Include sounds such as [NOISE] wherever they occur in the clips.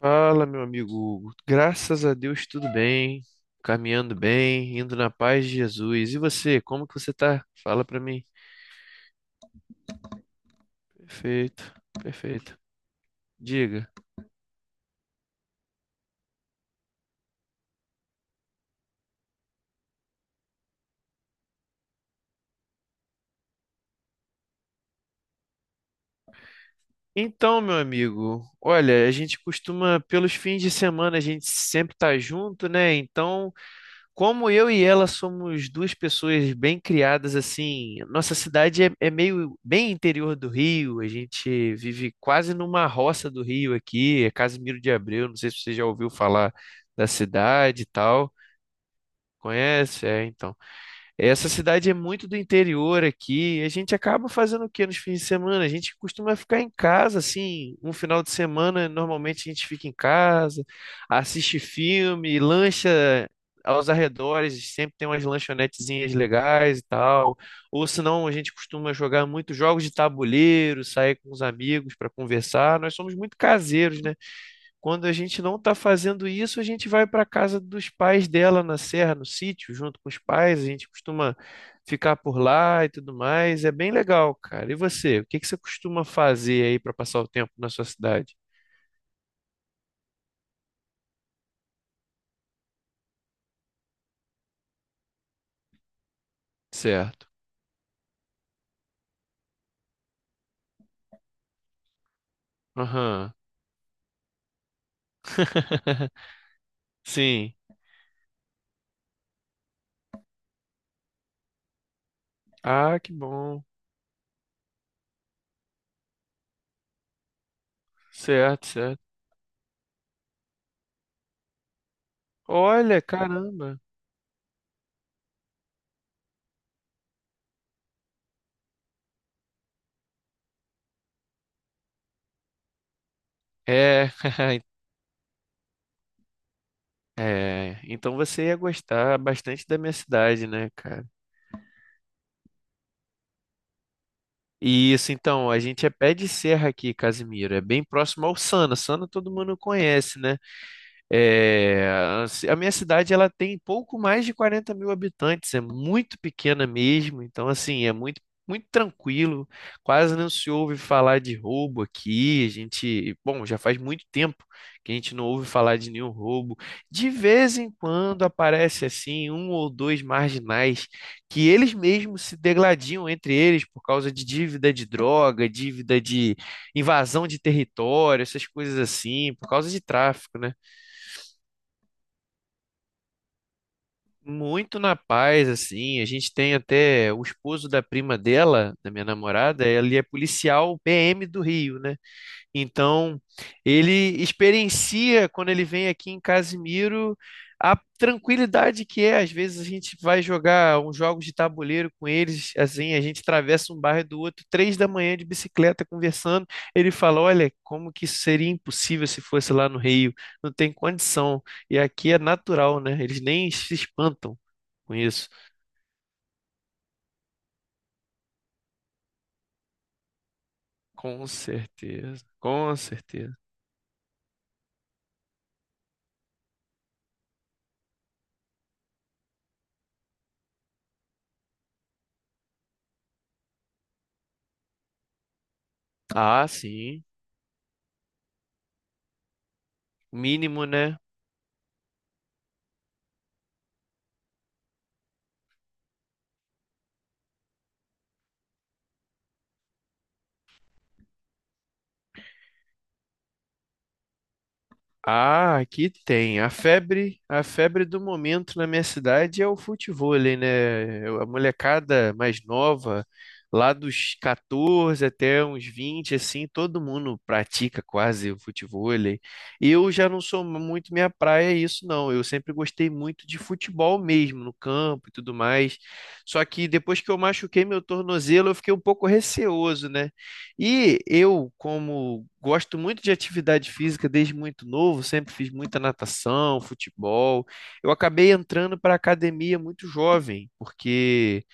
Fala, meu amigo Hugo. Graças a Deus, tudo bem, caminhando bem, indo na paz de Jesus. E você, como que você tá? Fala pra mim. Perfeito, perfeito. Diga. Então, meu amigo, olha, a gente costuma, pelos fins de semana, a gente sempre tá junto, né? Então, como eu e ela somos duas pessoas bem criadas, assim, nossa cidade é meio bem interior do Rio, a gente vive quase numa roça do Rio aqui, é Casimiro de Abreu, não sei se você já ouviu falar da cidade e tal. Conhece? É, então. Essa cidade é muito do interior aqui. A gente acaba fazendo o quê nos fins de semana? A gente costuma ficar em casa, assim, um final de semana, normalmente a gente fica em casa, assiste filme, lancha aos arredores, sempre tem umas lanchonetezinhas legais e tal. Ou senão a gente costuma jogar muito jogos de tabuleiro, sair com os amigos para conversar. Nós somos muito caseiros, né? Quando a gente não está fazendo isso, a gente vai para a casa dos pais dela na serra, no sítio, junto com os pais. A gente costuma ficar por lá e tudo mais. É bem legal, cara. E você? O que que você costuma fazer aí para passar o tempo na sua cidade? Certo. Aham. [LAUGHS] Sim. Ah, que bom. Certo, certo. Olha, caramba. É, é. Então você ia gostar bastante da minha cidade, né, cara? Isso, então, a gente é pé de serra aqui, Casimiro. É bem próximo ao Sana. Sana todo mundo conhece, né? É, a minha cidade ela tem pouco mais de 40 mil habitantes, é muito pequena mesmo, então assim, é muito, muito tranquilo, quase não se ouve falar de roubo aqui. A gente, bom, já faz muito tempo que a gente não ouve falar de nenhum roubo. De vez em quando aparece assim um ou dois marginais que eles mesmos se degladiam entre eles por causa de dívida de droga, dívida de invasão de território, essas coisas assim, por causa de tráfico, né? Muito na paz, assim. A gente tem até o esposo da prima dela, da minha namorada, ele é policial PM do Rio, né? Então, ele experiencia, quando ele vem aqui em Casimiro, a tranquilidade que é. Às vezes a gente vai jogar uns jogos de tabuleiro com eles, assim, a gente atravessa um bairro do outro, 3 da manhã de bicicleta conversando. Ele fala: Olha, como que isso seria impossível se fosse lá no Rio? Não tem condição. E aqui é natural, né? Eles nem se espantam com isso. Com certeza, com certeza. Ah, sim. Mínimo, né? Ah, aqui tem. A febre do momento na minha cidade é o futevôlei, né? A molecada mais nova, lá dos 14 até uns 20, assim, todo mundo pratica quase o futevôlei. Eu já não sou muito minha praia isso, não. Eu sempre gostei muito de futebol mesmo, no campo e tudo mais. Só que depois que eu machuquei meu tornozelo, eu fiquei um pouco receoso, né? E eu, como gosto muito de atividade física desde muito novo, sempre fiz muita natação, futebol. Eu acabei entrando para a academia muito jovem, porque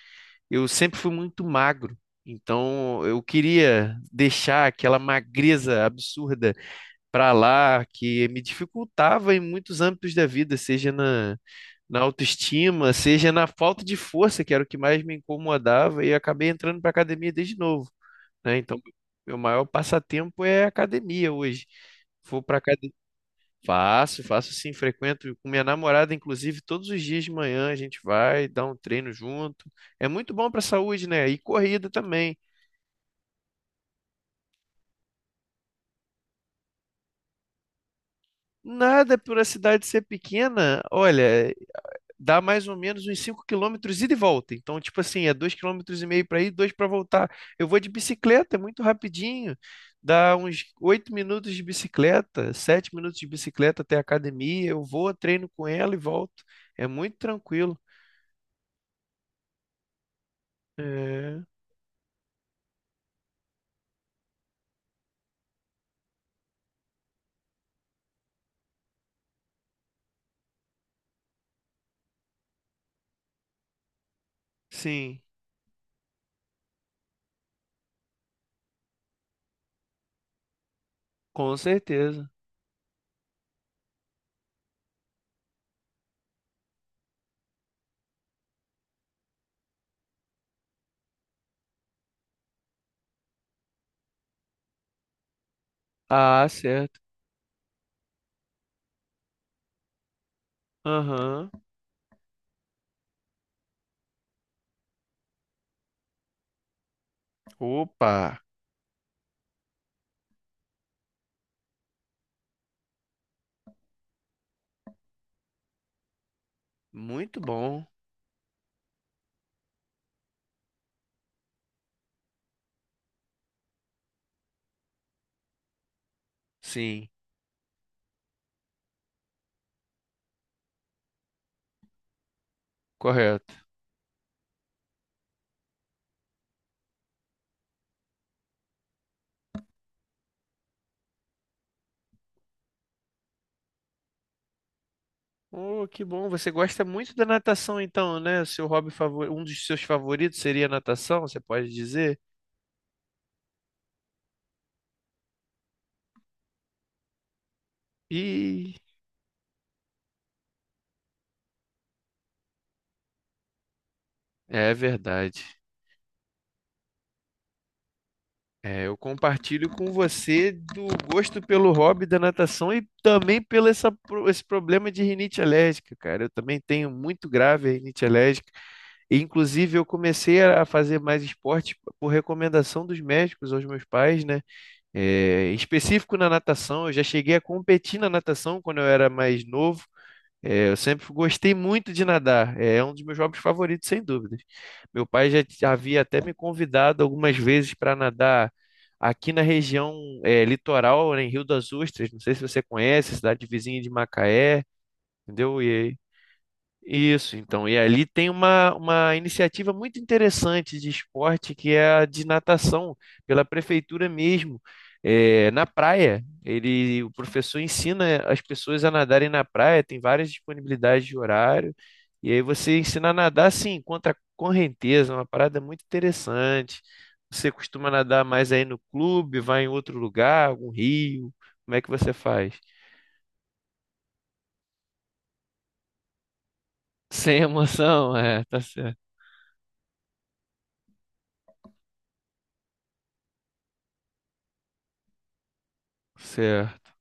eu sempre fui muito magro. Então, eu queria deixar aquela magreza absurda para lá, que me dificultava em muitos âmbitos da vida, seja na, na autoestima, seja na falta de força, que era o que mais me incomodava, e eu acabei entrando para a academia desde novo, né? Então, meu maior passatempo é academia hoje. Vou para academia. Faço, faço sim, frequento com minha namorada, inclusive, todos os dias de manhã a gente vai dar um treino junto. É muito bom para a saúde, né? E corrida também. Nada por a cidade ser pequena, olha, dá mais ou menos uns 5 quilômetros ida e volta. Então, tipo assim, é 2,5 quilômetros para ir, 2 para voltar. Eu vou de bicicleta, é muito rapidinho. Dá uns 8 minutos de bicicleta, 7 minutos de bicicleta até a academia. Eu vou, treino com ela e volto. É muito tranquilo. É, sim, com certeza. Ah, certo. Aham. Opa, muito bom. Sim, correto. Oh, que bom. Você gosta muito da natação, então, né? O seu hobby favor... um dos seus favoritos seria a natação, você pode dizer? E é verdade. É, eu compartilho com você do gosto pelo hobby da natação e também pelo essa, esse problema de rinite alérgica, cara. Eu também tenho muito grave a rinite alérgica. E, inclusive, eu comecei a fazer mais esporte por recomendação dos médicos aos meus pais, né? É, em específico na natação, eu já cheguei a competir na natação quando eu era mais novo. É, eu sempre gostei muito de nadar, é um dos meus hobbies favoritos, sem dúvidas. Meu pai já havia até me convidado algumas vezes para nadar aqui na região é, litoral, né, em Rio das Ostras. Não sei se você conhece, cidade vizinha de Macaé, entendeu? Isso, então. E ali tem uma iniciativa muito interessante de esporte, que é a de natação, pela prefeitura mesmo. É, na praia, ele, o professor ensina as pessoas a nadarem na praia, tem várias disponibilidades de horário, e aí você ensina a nadar assim, contra a correnteza, uma parada muito interessante. Você costuma nadar mais aí no clube, vai em outro lugar, algum rio? Como é que você faz? Sem emoção, é, tá certo. Certo.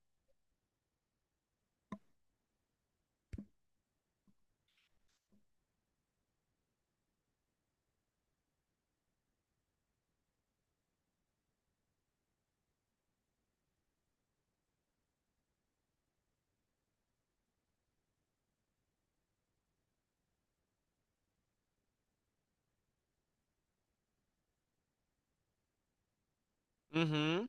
Uhum.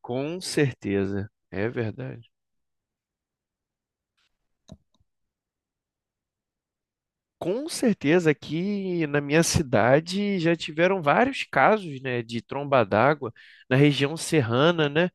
Com certeza, é verdade. Com certeza aqui na minha cidade já tiveram vários casos, né, de tromba d'água na região serrana, né?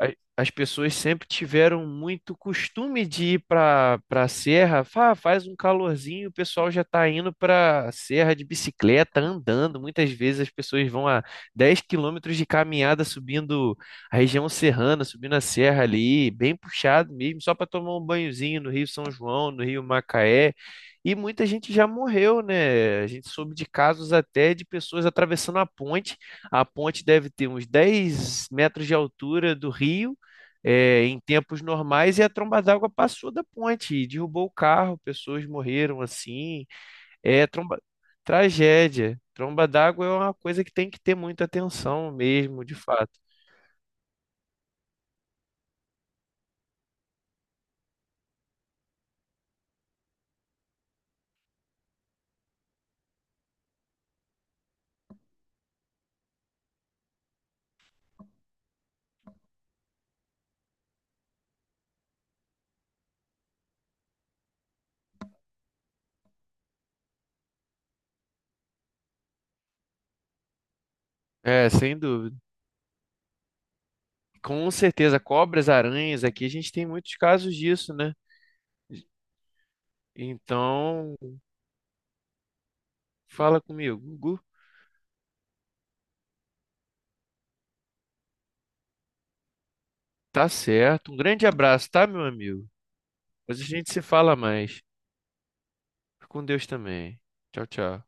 a- As pessoas sempre tiveram muito costume de ir para para serra. Faz um calorzinho, o pessoal já está indo para a serra de bicicleta, andando. Muitas vezes as pessoas vão a 10 quilômetros de caminhada subindo a região serrana, subindo a serra ali, bem puxado mesmo, só para tomar um banhozinho no Rio São João, no Rio Macaé. E muita gente já morreu, né? A gente soube de casos até de pessoas atravessando a ponte, a ponte deve ter uns 10 metros de altura do rio, é, em tempos normais, e a tromba d'água passou da ponte, e derrubou o carro, pessoas morreram assim. É tromba... Tragédia. Tromba d'água é uma coisa que tem que ter muita atenção mesmo, de fato. É, sem dúvida. Com certeza, cobras, aranhas, aqui a gente tem muitos casos disso, né? Então, fala comigo, Gugu. Tá certo. Um grande abraço, tá, meu amigo? Depois a gente se fala mais. Fica com Deus também. Tchau, tchau.